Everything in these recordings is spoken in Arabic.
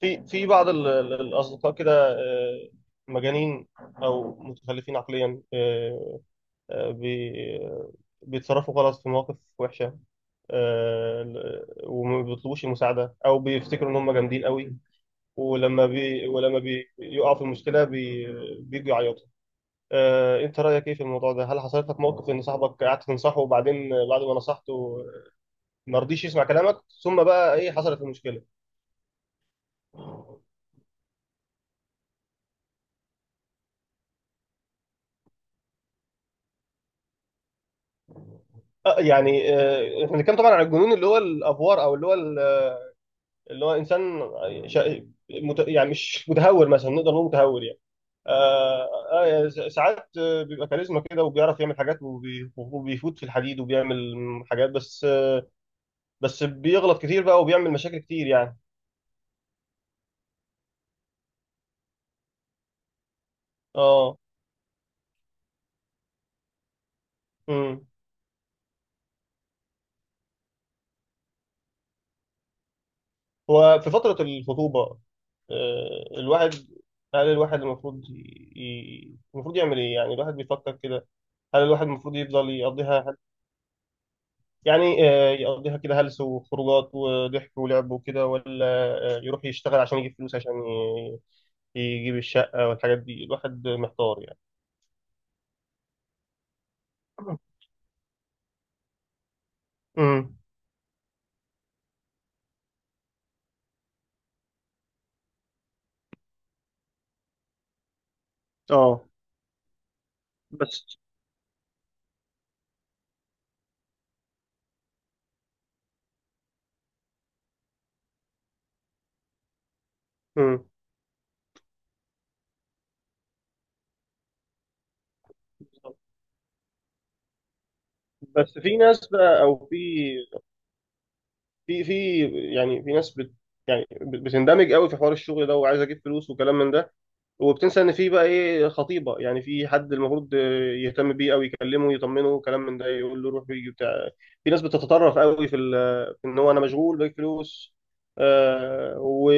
في بعض الأصدقاء كده، مجانين أو متخلفين عقليا، آه، بي- آه، بيتصرفوا غلط في مواقف وحشة، وما بيطلبوش المساعدة أو بيفتكروا إن هم جامدين قوي. ولما بيقعوا في المشكلة، بيجوا يعيطوا. أنت رأيك إيه في الموضوع ده؟ هل حصلت لك موقف إن صاحبك قعدت تنصحه وبعدين بعد ما نصحته ما رضيش يسمع كلامك، ثم بقى إيه حصلت المشكلة؟ يعني، احنا بنتكلم طبعا عن الجنون اللي هو الافوار، او اللي هو انسان يعني مش متهور، مثلا نقدر نقول متهور يعني. آه يعني ساعات، بيبقى كاريزما كده، وبيعرف يعمل حاجات، وبيفوت في الحديد، وبيعمل حاجات بس، بس بيغلط كتير بقى وبيعمل مشاكل كتير يعني. اه. امم هو في فترة الخطوبة، الواحد، هل الواحد المفروض المفروض يعمل ايه؟ يعني الواحد بيفكر كده. هل الواحد المفروض يفضل يقضيها، يعني، يقضيها كده هلس وخروجات وضحك ولعب وكده، ولا، يروح يشتغل عشان يجيب فلوس عشان يجيب الشقة والحاجات دي؟ الواحد محتار يعني. امم. اه. بس. امم. بس في ناس بقى، او في في في يعني في ناس يعني بتندمج قوي في حوار الشغل ده، وعايز اجيب فلوس وكلام من ده، وبتنسى ان في بقى ايه خطيبه. يعني في حد المفروض يهتم بيه او يكلمه يطمنه، كلام من ده، يقول له روح ويجي بتاع. في ناس بتتطرف قوي في ان هو انا مشغول باقي فلوس، آه و...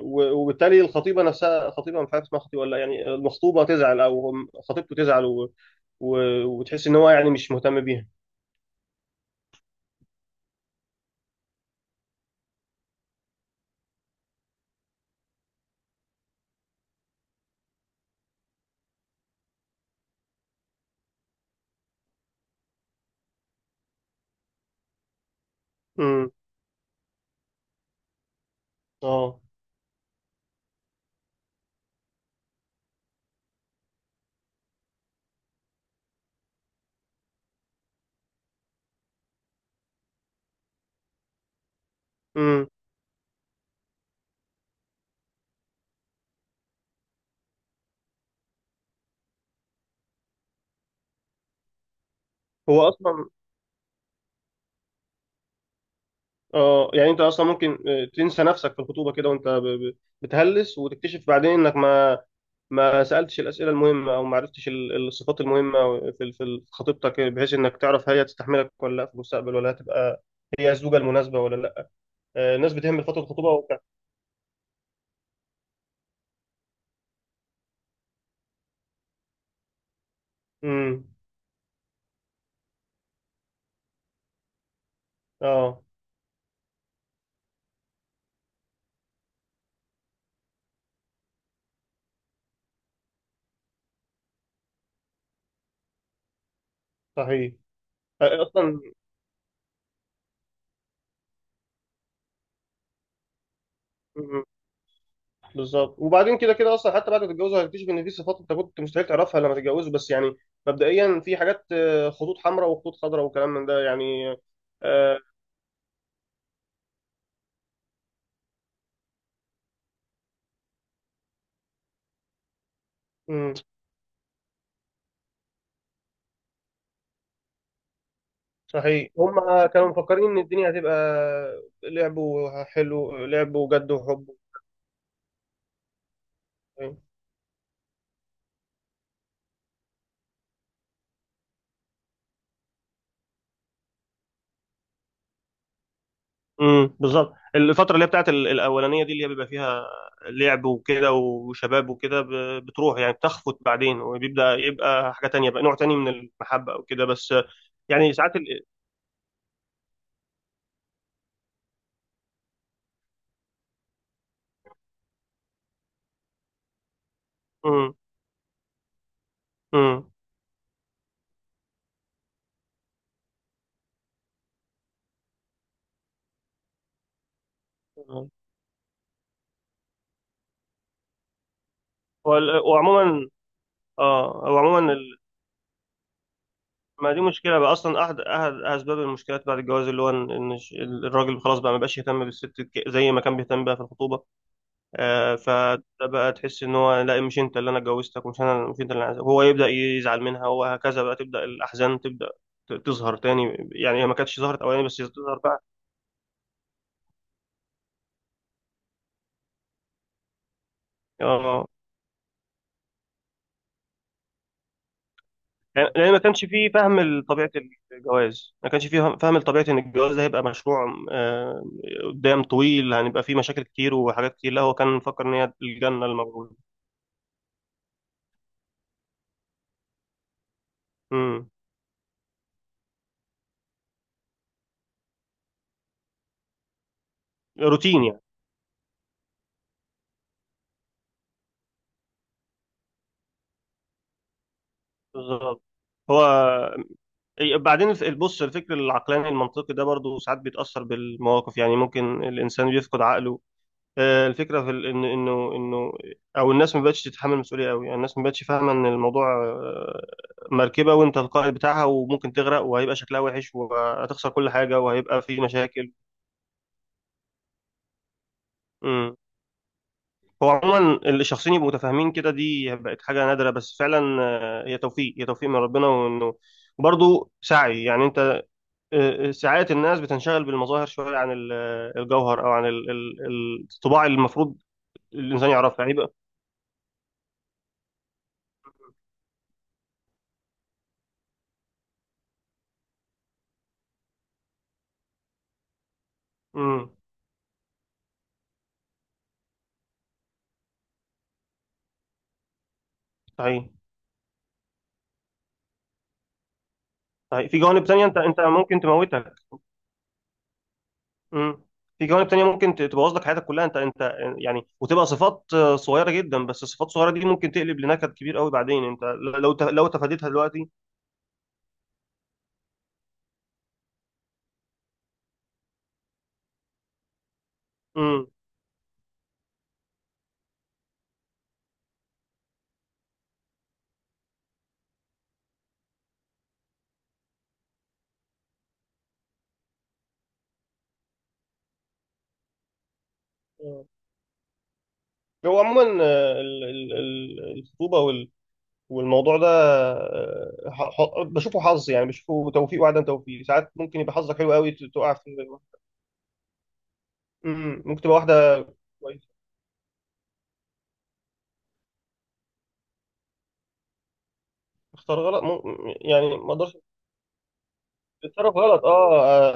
وبالتالي الخطيبه نفسها، خطيبه مش عارف اسمها خطيبه ولا لأ، يعني المخطوبه تزعل، او خطيبته تزعل و... وتحس ان هو يعني مش مهتم بيها. امم. اه. امم. هو اصلا، اه يعني انت اصلا ممكن، تنسى نفسك في الخطوبه كده، وانت بتهلس وتكتشف بعدين انك ما سألتش الأسئلة المهمة، أو ما عرفتش الصفات المهمة في خطيبتك، بحيث إنك تعرف هي تستحملك ولا لا في المستقبل، ولا هتبقى هي الزوجة المناسبة ولا لا. الناس بتهمل فترة الخطوبة وبتاع. امم. اه. صحيح. ، أصلا. مم، بالظبط. وبعدين كده كده أصلا حتى بعد ما تتجوزوا هتكتشف إن في صفات أنت كنت مستحيل تعرفها لما تتجوزوا، بس يعني مبدئيا في حاجات، خطوط حمراء وخطوط خضراء، وكلام من ده يعني. آه، صحيح، هم كانوا مفكرين ان الدنيا هتبقى لعب، حلو، لعب وجد وحب. فاهم؟ امم، بالظبط. الفتره اللي هي بتاعت الاولانيه دي، اللي هي بيبقى فيها لعب وكده وشباب وكده، بتروح يعني، بتخفت بعدين، وبيبدا يبقى حاجه تانية بقى، نوع تاني من المحبه او كده بس. يعني ساعات امم. امم. وعموما اه وعموما، ما دي مشكلة بقى أصلا، أحد أسباب المشكلات بعد الجواز، اللي هو إن الراجل خلاص بقى ما بقاش يهتم بالست زي ما كان بيهتم بقى في الخطوبة. فده بقى تحس إن هو لا، مش أنت اللي أنا اتجوزتك، ومش أنا، مش أنت اللي أنا عايزك. هو يبدأ يزعل منها، وهكذا بقى تبدأ الأحزان، تبدأ تظهر تاني، يعني هي ما كانتش ظهرت أولاني بس تظهر بقى. آه لأن ما كانش فيه فهم لطبيعة الجواز، ما كانش فيه فهم لطبيعة إن الجواز ده هيبقى مشروع، قدام طويل، هنبقى فيه مشاكل كتير وحاجات كتير. لا، هو كان مفكر إن هي الجنة الموجودة. امم. روتين يعني. بالظبط. هو بعدين بص، الفكر العقلاني المنطقي ده برضه ساعات بيتأثر بالمواقف، يعني ممكن الإنسان بيفقد عقله. الفكرة إن إنه إنه أو الناس ما بقتش تتحمل المسؤولية قوي، يعني الناس ما بقتش فاهمة إن الموضوع، مركبة وأنت القائد بتاعها، وممكن تغرق، وهيبقى شكلها وحش، وهتخسر كل حاجة، وهيبقى في مشاكل. هو عموما اللي شخصين يبقوا متفاهمين كده، دي بقت حاجة نادرة بس، فعلا. ، هي توفيق، هي توفيق من ربنا، وانه برضه سعي يعني، انت، ساعات الناس بتنشغل بالمظاهر شوية عن الجوهر، او عن الطباع اللي المفروض الانسان يعرفها هيبقى. امم. صحيح. صحيح. في جوانب تانية انت ممكن تموتك. امم. في جوانب تانية ممكن تبوظ لك حياتك كلها، انت انت، يعني، وتبقى صفات، صغيرة جدا، بس الصفات الصغيرة دي ممكن تقلب لنكد كبير قوي بعدين، انت لو تفاديتها دلوقتي. امم. هو عموما، الخطوبه والموضوع ده، بشوفه حظ، يعني بشوفه توفيق وعدم توفيق. ساعات ممكن يبقى حظك حلو قوي، تقع في، مم، ممكن تبقى واحده كويسه. اختار غلط، مم، يعني ما اقدرش. بيتصرف غلط. اه آه،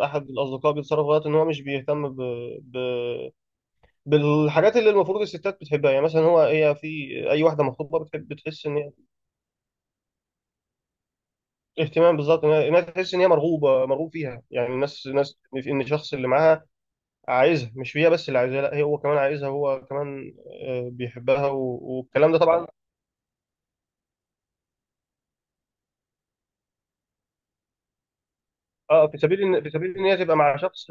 آه، احد الاصدقاء بيتصرف غلط ان هو مش بيهتم ب... بالحاجات اللي المفروض الستات بتحبها، يعني مثلا، هو هي في اي واحده مخطوبه بتحب تحس ان هي اهتمام، بالظبط. إنها تحس ان هي مرغوبه، مرغوب فيها، يعني الناس ناس ان الشخص اللي معاها عايزها، مش هي بس اللي عايزها، لا، هي هو كمان عايزها، هو كمان، بيحبها والكلام ده طبعا. اه، في سبيل ان هي تبقى مع شخص.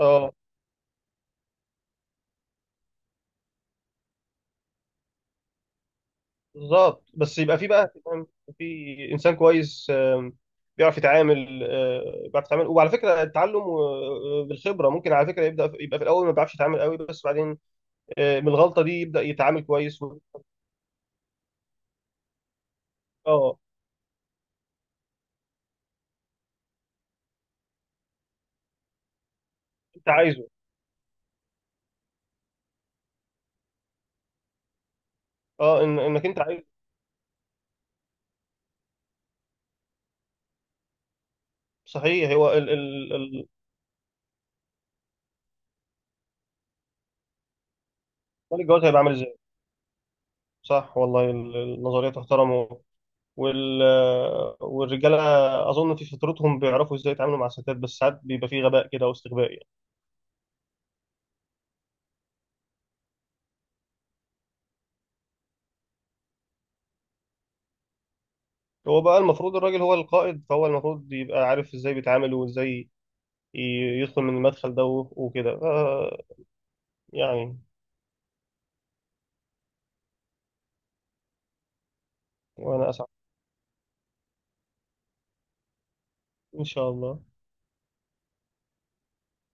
اه، بالظبط. بس يبقى في بقى، فاهم؟ في انسان كويس، بيعرف يتعامل، بيعرف يتعامل، وعلى فكره التعلم، بالخبره. ممكن على فكره يبدا يبقى في الاول ما بيعرفش يتعامل قوي، بس بعدين، من الغلطه دي يبدا يتعامل كويس اه، انت عايزه. اه، انك انت عايزه. صحيح. هو ال ال ال الجواز هيبقى عامل ازاي؟ صح والله. النظريه تحترم وال... والرجاله اظن في فطرتهم بيعرفوا ازاي يتعاملوا مع الستات، بس ساعات بيبقى في غباء كده واستغباء يعني. هو بقى المفروض الراجل هو القائد، فهو المفروض يبقى عارف ازاي بيتعامل، وازاي ي- يدخل من المدخل ده وكده، يعني. وانا اسعد، ان شاء الله.